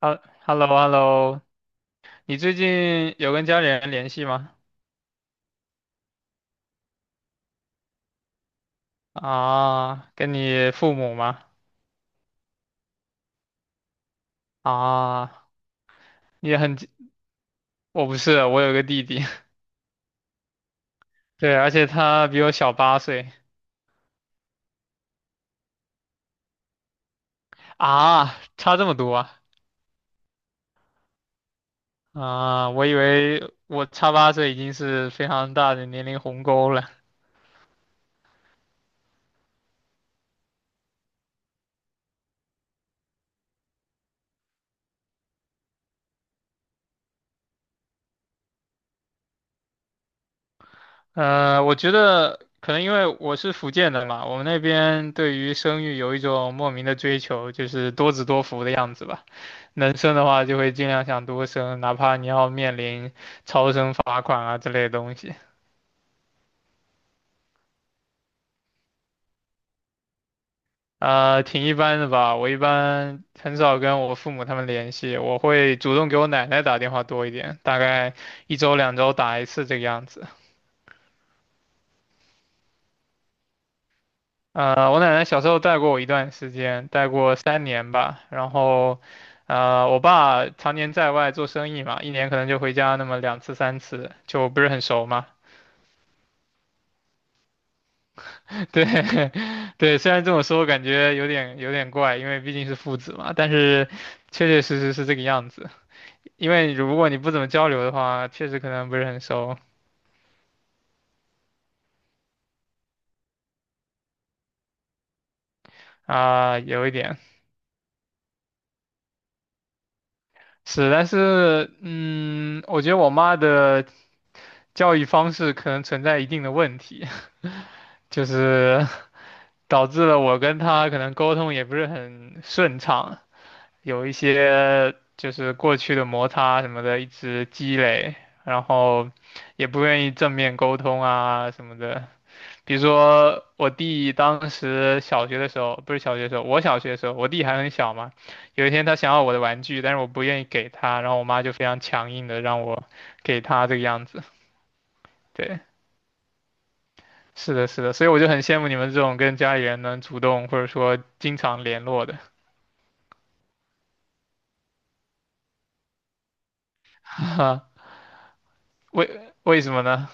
哈hello，hello，你最近有跟家里人联系吗？啊，跟你父母吗？啊，你也很，我不是，我有个弟弟，对，而且他比我小八岁。啊，差这么多啊。啊，我以为我差八岁已经是非常大的年龄鸿沟了。我觉得可能因为我是福建的嘛，我们那边对于生育有一种莫名的追求，就是多子多福的样子吧。能生的话就会尽量想多生，哪怕你要面临超生罚款啊之类的东西。挺一般的吧。我一般很少跟我父母他们联系，我会主动给我奶奶打电话多一点，大概一周两周打一次这个样子。我奶奶小时候带过我一段时间，带过3年吧。然后，我爸常年在外做生意嘛，1年可能就回家那么2次3次，就不是很熟嘛。对，对，虽然这么说感觉有点怪，因为毕竟是父子嘛，但是确确实实是这个样子。因为如果你不怎么交流的话，确实可能不是很熟啊，有一点是，但是嗯，我觉得我妈的教育方式可能存在一定的问题。就是 导致了我跟他可能沟通也不是很顺畅，有一些就是过去的摩擦什么的一直积累，然后也不愿意正面沟通啊什么的。比如说我弟当时小学的时候，不是小学的时候，我小学的时候，我弟还很小嘛，有一天他想要我的玩具，但是我不愿意给他，然后我妈就非常强硬的让我给他这个样子，对。是的，是的，所以我就很羡慕你们这种跟家里人能主动或者说经常联络的，为什么呢？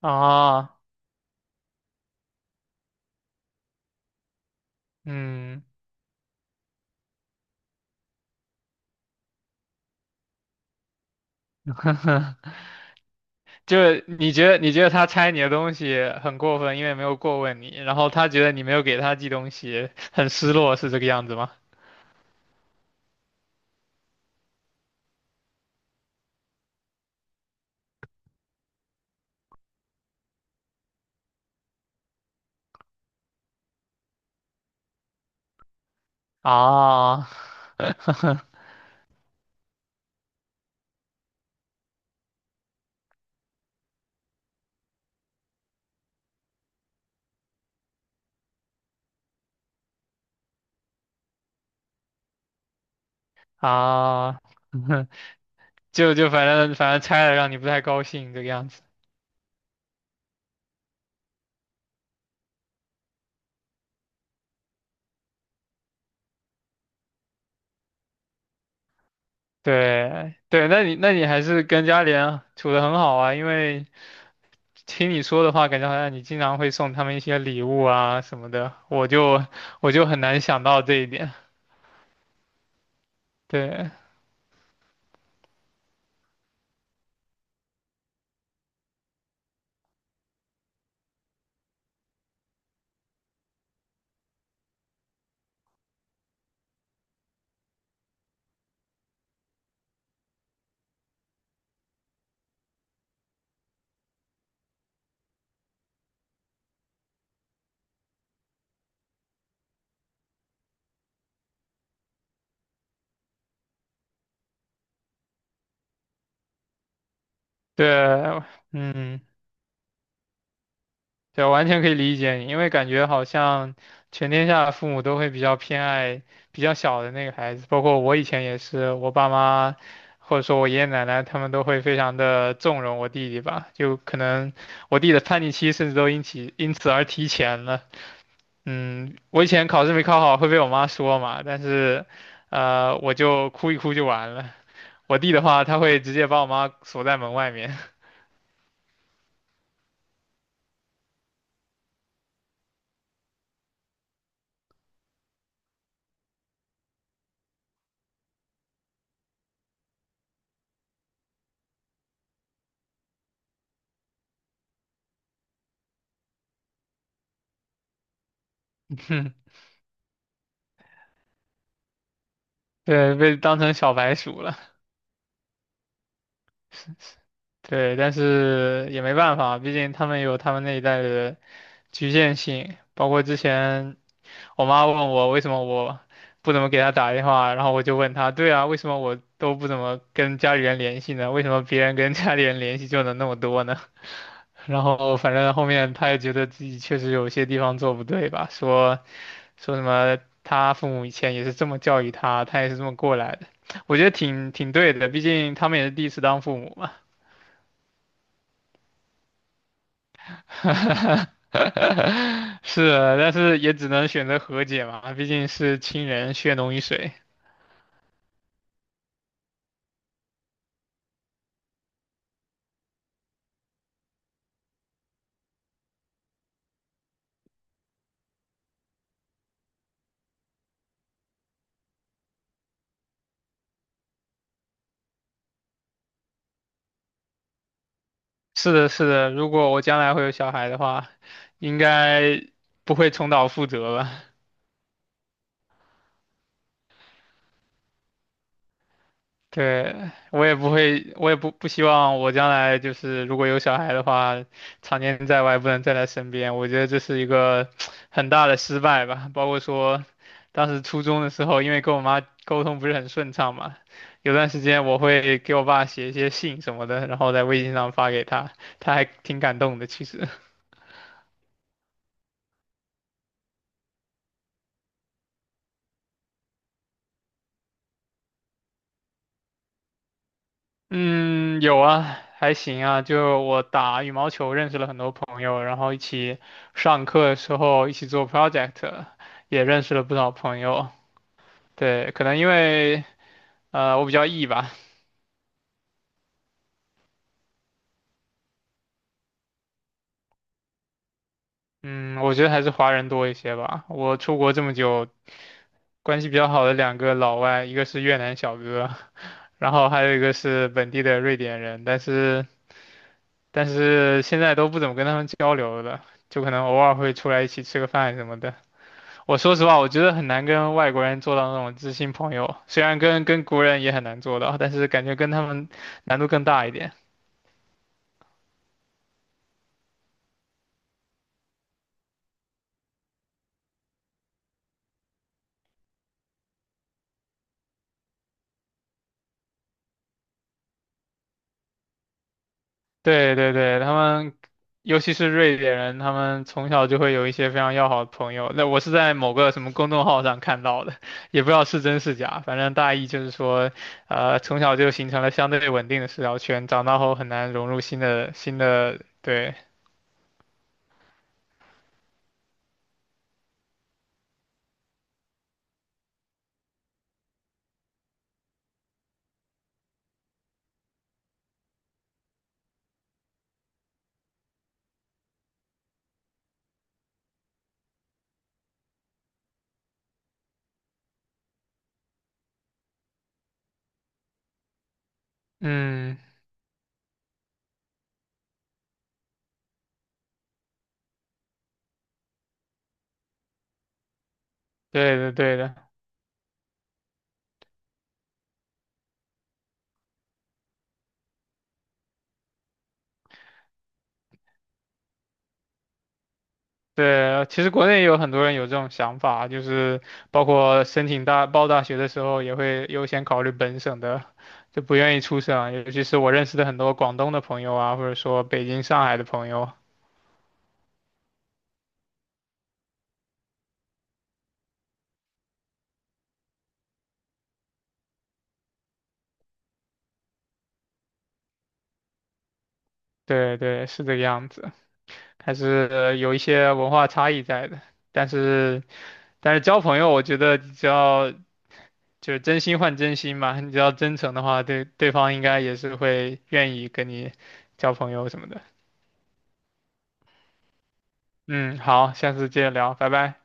啊，嗯，就是你觉得他拆你的东西很过分，因为没有过问你，然后他觉得你没有给他寄东西，很失落，是这个样子吗？啊，啊，就就反正拆了让你不太高兴这个样子。对对，那你还是跟家里人处得很好啊，因为听你说的话，感觉好像你经常会送他们一些礼物啊什么的，我就很难想到这一点。对对，嗯，对，完全可以理解你，因为感觉好像全天下的父母都会比较偏爱比较小的那个孩子，包括我以前也是，我爸妈或者说我爷爷奶奶他们都会非常的纵容我弟弟吧，就可能我弟的叛逆期甚至都因此而提前了。嗯，我以前考试没考好会被我妈说嘛，但是，我就哭一哭就完了。我弟的话，他会直接把我妈锁在门外面。对，被当成小白鼠了。对，但是也没办法，毕竟他们有他们那一代的局限性。包括之前我妈问我为什么我不怎么给她打电话，然后我就问她，对啊，为什么我都不怎么跟家里人联系呢？为什么别人跟家里人联系就能那么多呢？然后反正后面他也觉得自己确实有些地方做不对吧，说他父母以前也是这么教育他，他也是这么过来的，我觉得挺挺对的，毕竟他们也是第一次当父母嘛。是，但是也只能选择和解嘛，毕竟是亲人，血浓于水。是的，是的，如果我将来会有小孩的话，应该不会重蹈覆辙吧。对，我也不会，我也不希望我将来就是如果有小孩的话，常年在外不能在他身边，我觉得这是一个很大的失败吧。包括说，当时初中的时候，因为跟我妈沟通不是很顺畅嘛，有段时间我会给我爸写一些信什么的，然后在微信上发给他，他还挺感动的，其实。嗯，有啊，还行啊。就我打羽毛球认识了很多朋友，然后一起上课的时候一起做 project,也认识了不少朋友。对，可能因为我比较 E 吧。嗯，我觉得还是华人多一些吧。我出国这么久，关系比较好的两个老外，一个是越南小哥，然后还有一个是本地的瑞典人，但是现在都不怎么跟他们交流了，就可能偶尔会出来一起吃个饭什么的。我说实话，我觉得很难跟外国人做到那种知心朋友，虽然跟国人也很难做到，但是感觉跟他们难度更大一点。对对对，他们尤其是瑞典人，他们从小就会有一些非常要好的朋友。那我是在某个什么公众号上看到的，也不知道是真是假，反正大意就是说，从小就形成了相对稳定的社交圈，长大后很难融入新的，对，嗯，对的对的。对，其实国内也有很多人有这种想法，就是包括申请大学的时候，也会优先考虑本省的，就不愿意出省啊，尤其是我认识的很多广东的朋友啊，或者说北京、上海的朋友，对对，是这个样子，还是有一些文化差异在的。但是但是交朋友，我觉得只要就是真心换真心嘛，你只要真诚的话，对对方应该也是会愿意跟你交朋友什么的。嗯，好，下次接着聊，拜拜。